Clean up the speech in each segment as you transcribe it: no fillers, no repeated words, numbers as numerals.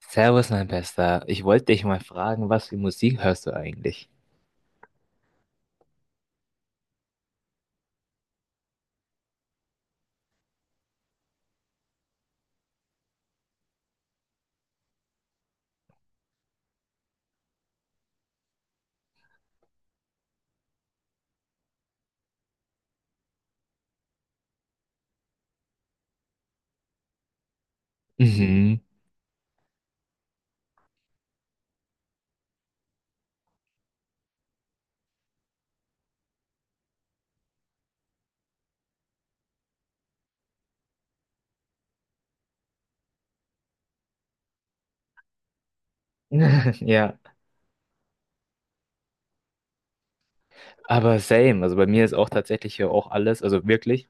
Servus, mein Bester. Ich wollte dich mal fragen, was für Musik hörst du eigentlich? Mhm. Ja, aber same. Also bei mir ist auch tatsächlich hier auch alles, also wirklich.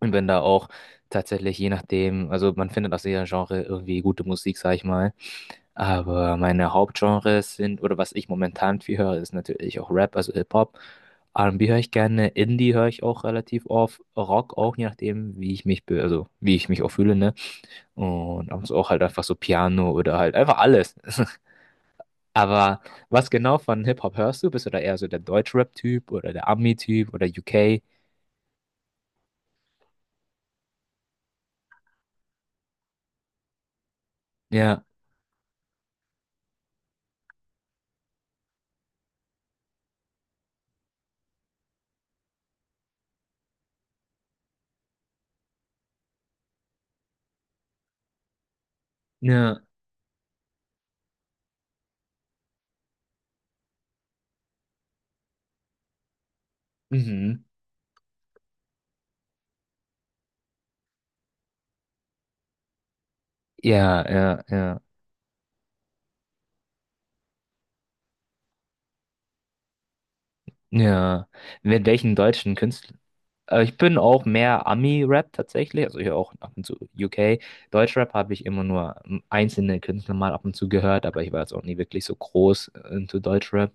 Und bin da auch tatsächlich je nachdem, also man findet aus jeder Genre irgendwie gute Musik, sag ich mal. Aber meine Hauptgenres sind, oder was ich momentan viel höre, ist natürlich auch Rap, also Hip-Hop. R&B höre ich gerne, Indie höre ich auch relativ oft, Rock auch, je nachdem, wie ich mich, also wie ich mich auch fühle, ne? Und ab und zu auch halt einfach so Piano oder halt einfach alles. Aber was genau von Hip-Hop hörst du? Bist du da eher so der Deutschrap-Typ oder der Ami-Typ oder UK? Ja, ja, mhm. Ja, ja, ja, ja. Mit welchen deutschen Künstlern? Ich bin auch mehr Ami-Rap tatsächlich, also hier auch ab und zu UK. Deutschrap habe ich immer nur einzelne Künstler mal ab und zu gehört, aber ich war jetzt auch nie wirklich so groß into Deutschrap.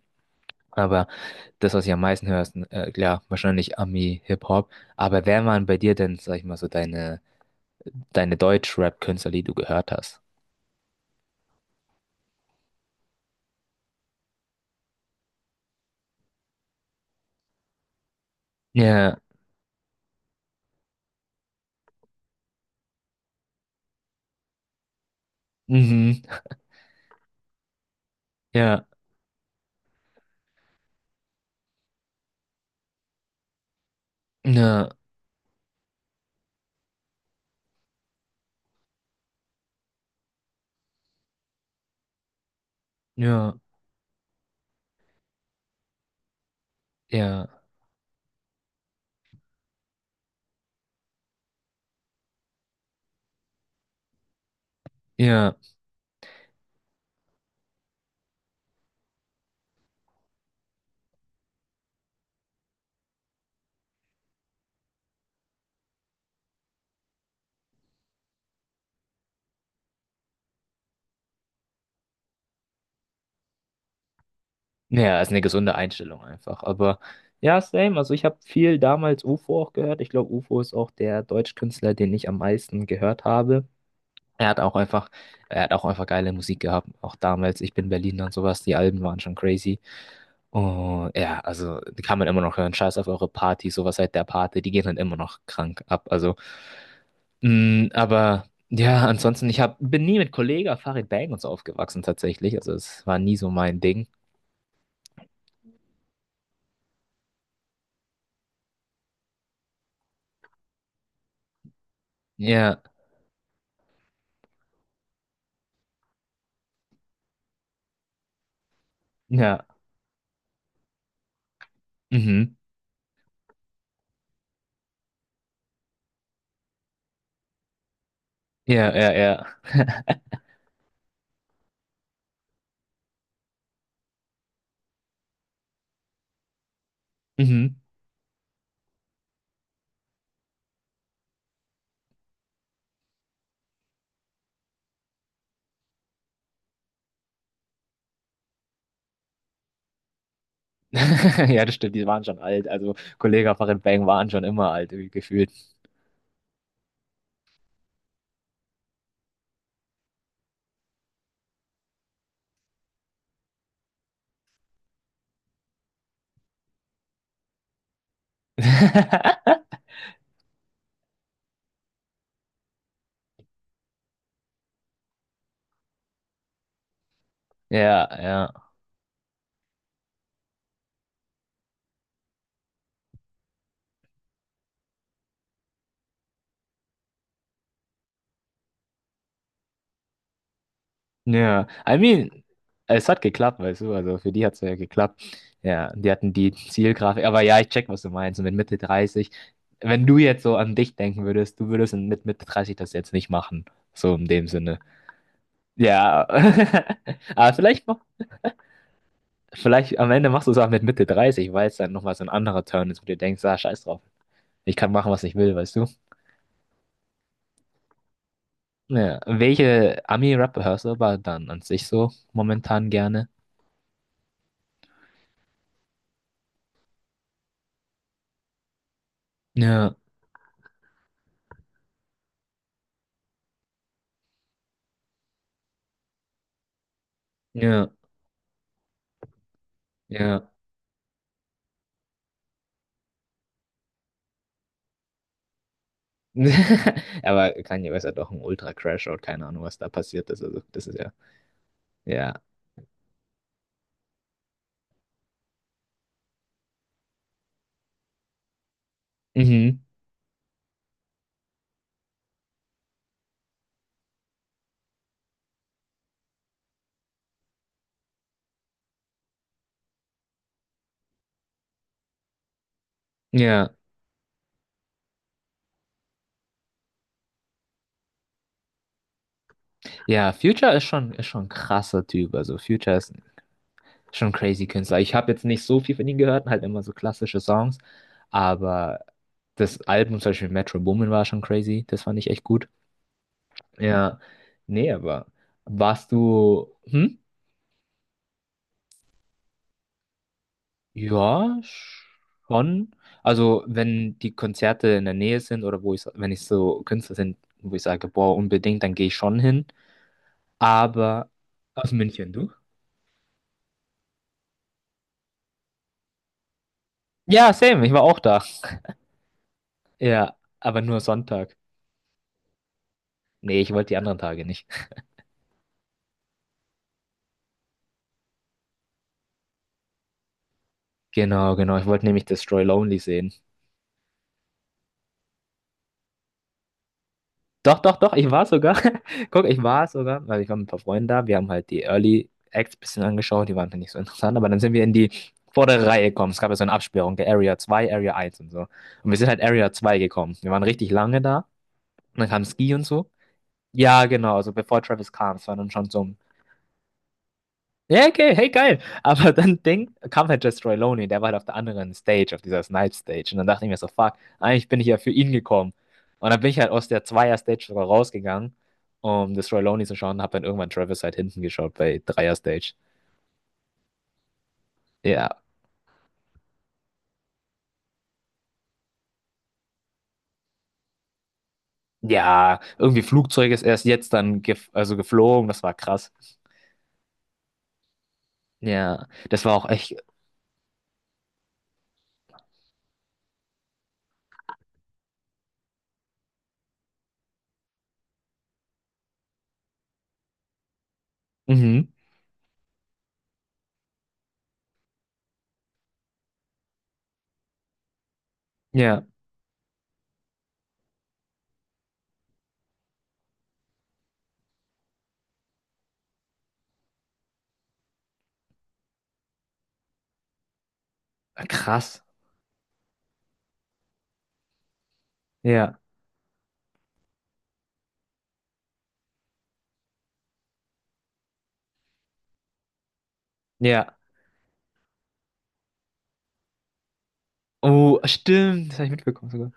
Aber das, was ich am meisten höre, ist klar, wahrscheinlich Ami, Hip-Hop. Aber wer waren bei dir denn, sag ich mal, so deine, deine Deutsch-Rap-Künstler, die du gehört hast? Ja, mhm, ja, ja, ja, ja, ja. Ja, ist eine gesunde Einstellung einfach. Aber ja, same. Also ich habe viel damals UFO auch gehört. Ich glaube, UFO ist auch der Deutschkünstler, den ich am meisten gehört habe. Er hat auch einfach, er hat auch einfach geile Musik gehabt, auch damals. Ich bin Berliner und sowas. Die Alben waren schon crazy. Oh, ja, also die kann man immer noch hören. Scheiß auf eure Party, sowas seit der Party, die gehen dann immer noch krank ab. Also, mh, aber ja, ansonsten, bin nie mit Kollega Farid Bang und so aufgewachsen tatsächlich. Also es war nie so mein Ding. Ja, ja, mhm. Ja, ja, ja. Mhm. Ja, das stimmt, die waren schon alt. Also Kollega Farid Bang waren schon immer alt, irgendwie gefühlt. Ja, ja. Ja, I mean, es hat geklappt, weißt du, also für die hat es ja geklappt. Ja, die hatten die Zielgrafik, aber ja, ich check, was du meinst. Und mit Mitte dreißig, wenn du jetzt so an dich denken würdest, du würdest mit Mitte 30 das jetzt nicht machen, so in dem Sinne. Ja, aber vielleicht am Ende machst du es auch mit Mitte dreißig, weil es dann nochmal so ein anderer Turn ist, wo du denkst, ah, scheiß drauf, ich kann machen, was ich will, weißt du. Ja, welche Ami-Rapper hörst du aber dann an sich so momentan gerne? Ja, ja, ja. Aber Kanye West hat doch einen Ultra-Crashout, keine Ahnung, was da passiert ist. Also, das ist ja, ja, mhm, ja, ja, Future ist schon ein krasser Typ. Also, Future ist schon ein crazy Künstler. Ich habe jetzt nicht so viel von ihm gehört, halt immer so klassische Songs, aber das Album, zum Beispiel Metro Boomin, war schon crazy. Das fand ich echt gut. Ja, nee, aber warst du, hm? Ja, schon. Also, wenn die Konzerte in der Nähe sind oder wo ich, wenn ich so Künstler sind, wo ich sage, boah, unbedingt, dann gehe ich schon hin. Aber aus München, du? Ja, same, ich war auch da. Ja, aber nur Sonntag. Nee, ich wollte die anderen Tage nicht. Genau, genau, ich wollte nämlich Destroy Lonely sehen. Doch, doch, doch, ich war sogar. Guck, ich war sogar, weil ich war mit ein paar Freunden da. Wir haben halt die Early Acts ein bisschen angeschaut, die waren halt nicht so interessant, aber dann sind wir in die vordere Reihe gekommen. Es gab ja so eine Absperrung, der Area 2 Area 1 und so. Und wir sind halt Area 2 gekommen. Wir waren richtig lange da. Und dann kam Ski und so. Ja, genau, also bevor Travis kam, es war dann schon so um ja, okay, hey, geil. Aber dann denk, kam halt Jess Roy Loney, der war halt auf der anderen Stage, auf dieser Snipe Stage. Und dann dachte ich mir so, fuck, eigentlich bin ich ja für ihn gekommen. Und dann bin ich halt aus der Zweier-Stage sogar rausgegangen, um das Roy Loney zu schauen, und hab dann irgendwann Travis halt hinten geschaut bei Dreier-Stage. Ja. Ja, irgendwie Flugzeug ist erst jetzt dann gef also geflogen, das war krass. Ja, das war auch echt. Mhm. Ja, krass. Ja, ja. Oh, stimmt, das habe ich mitbekommen sogar.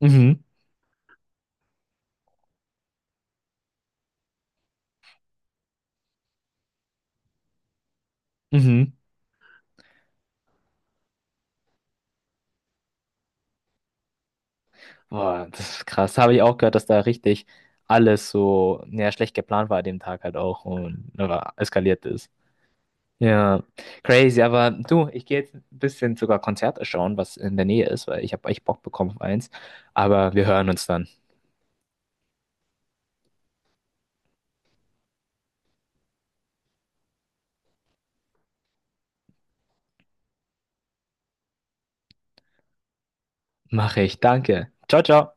Mhm. Mhm. Boah, das ist krass. Habe ich auch gehört, dass da richtig alles so, ja, schlecht geplant war an dem Tag halt auch und aber eskaliert ist. Ja, crazy. Aber du, ich gehe jetzt ein bisschen sogar Konzerte schauen, was in der Nähe ist, weil ich habe echt Bock bekommen auf eins. Aber wir hören uns dann. Mache ich. Danke. Ciao, ciao.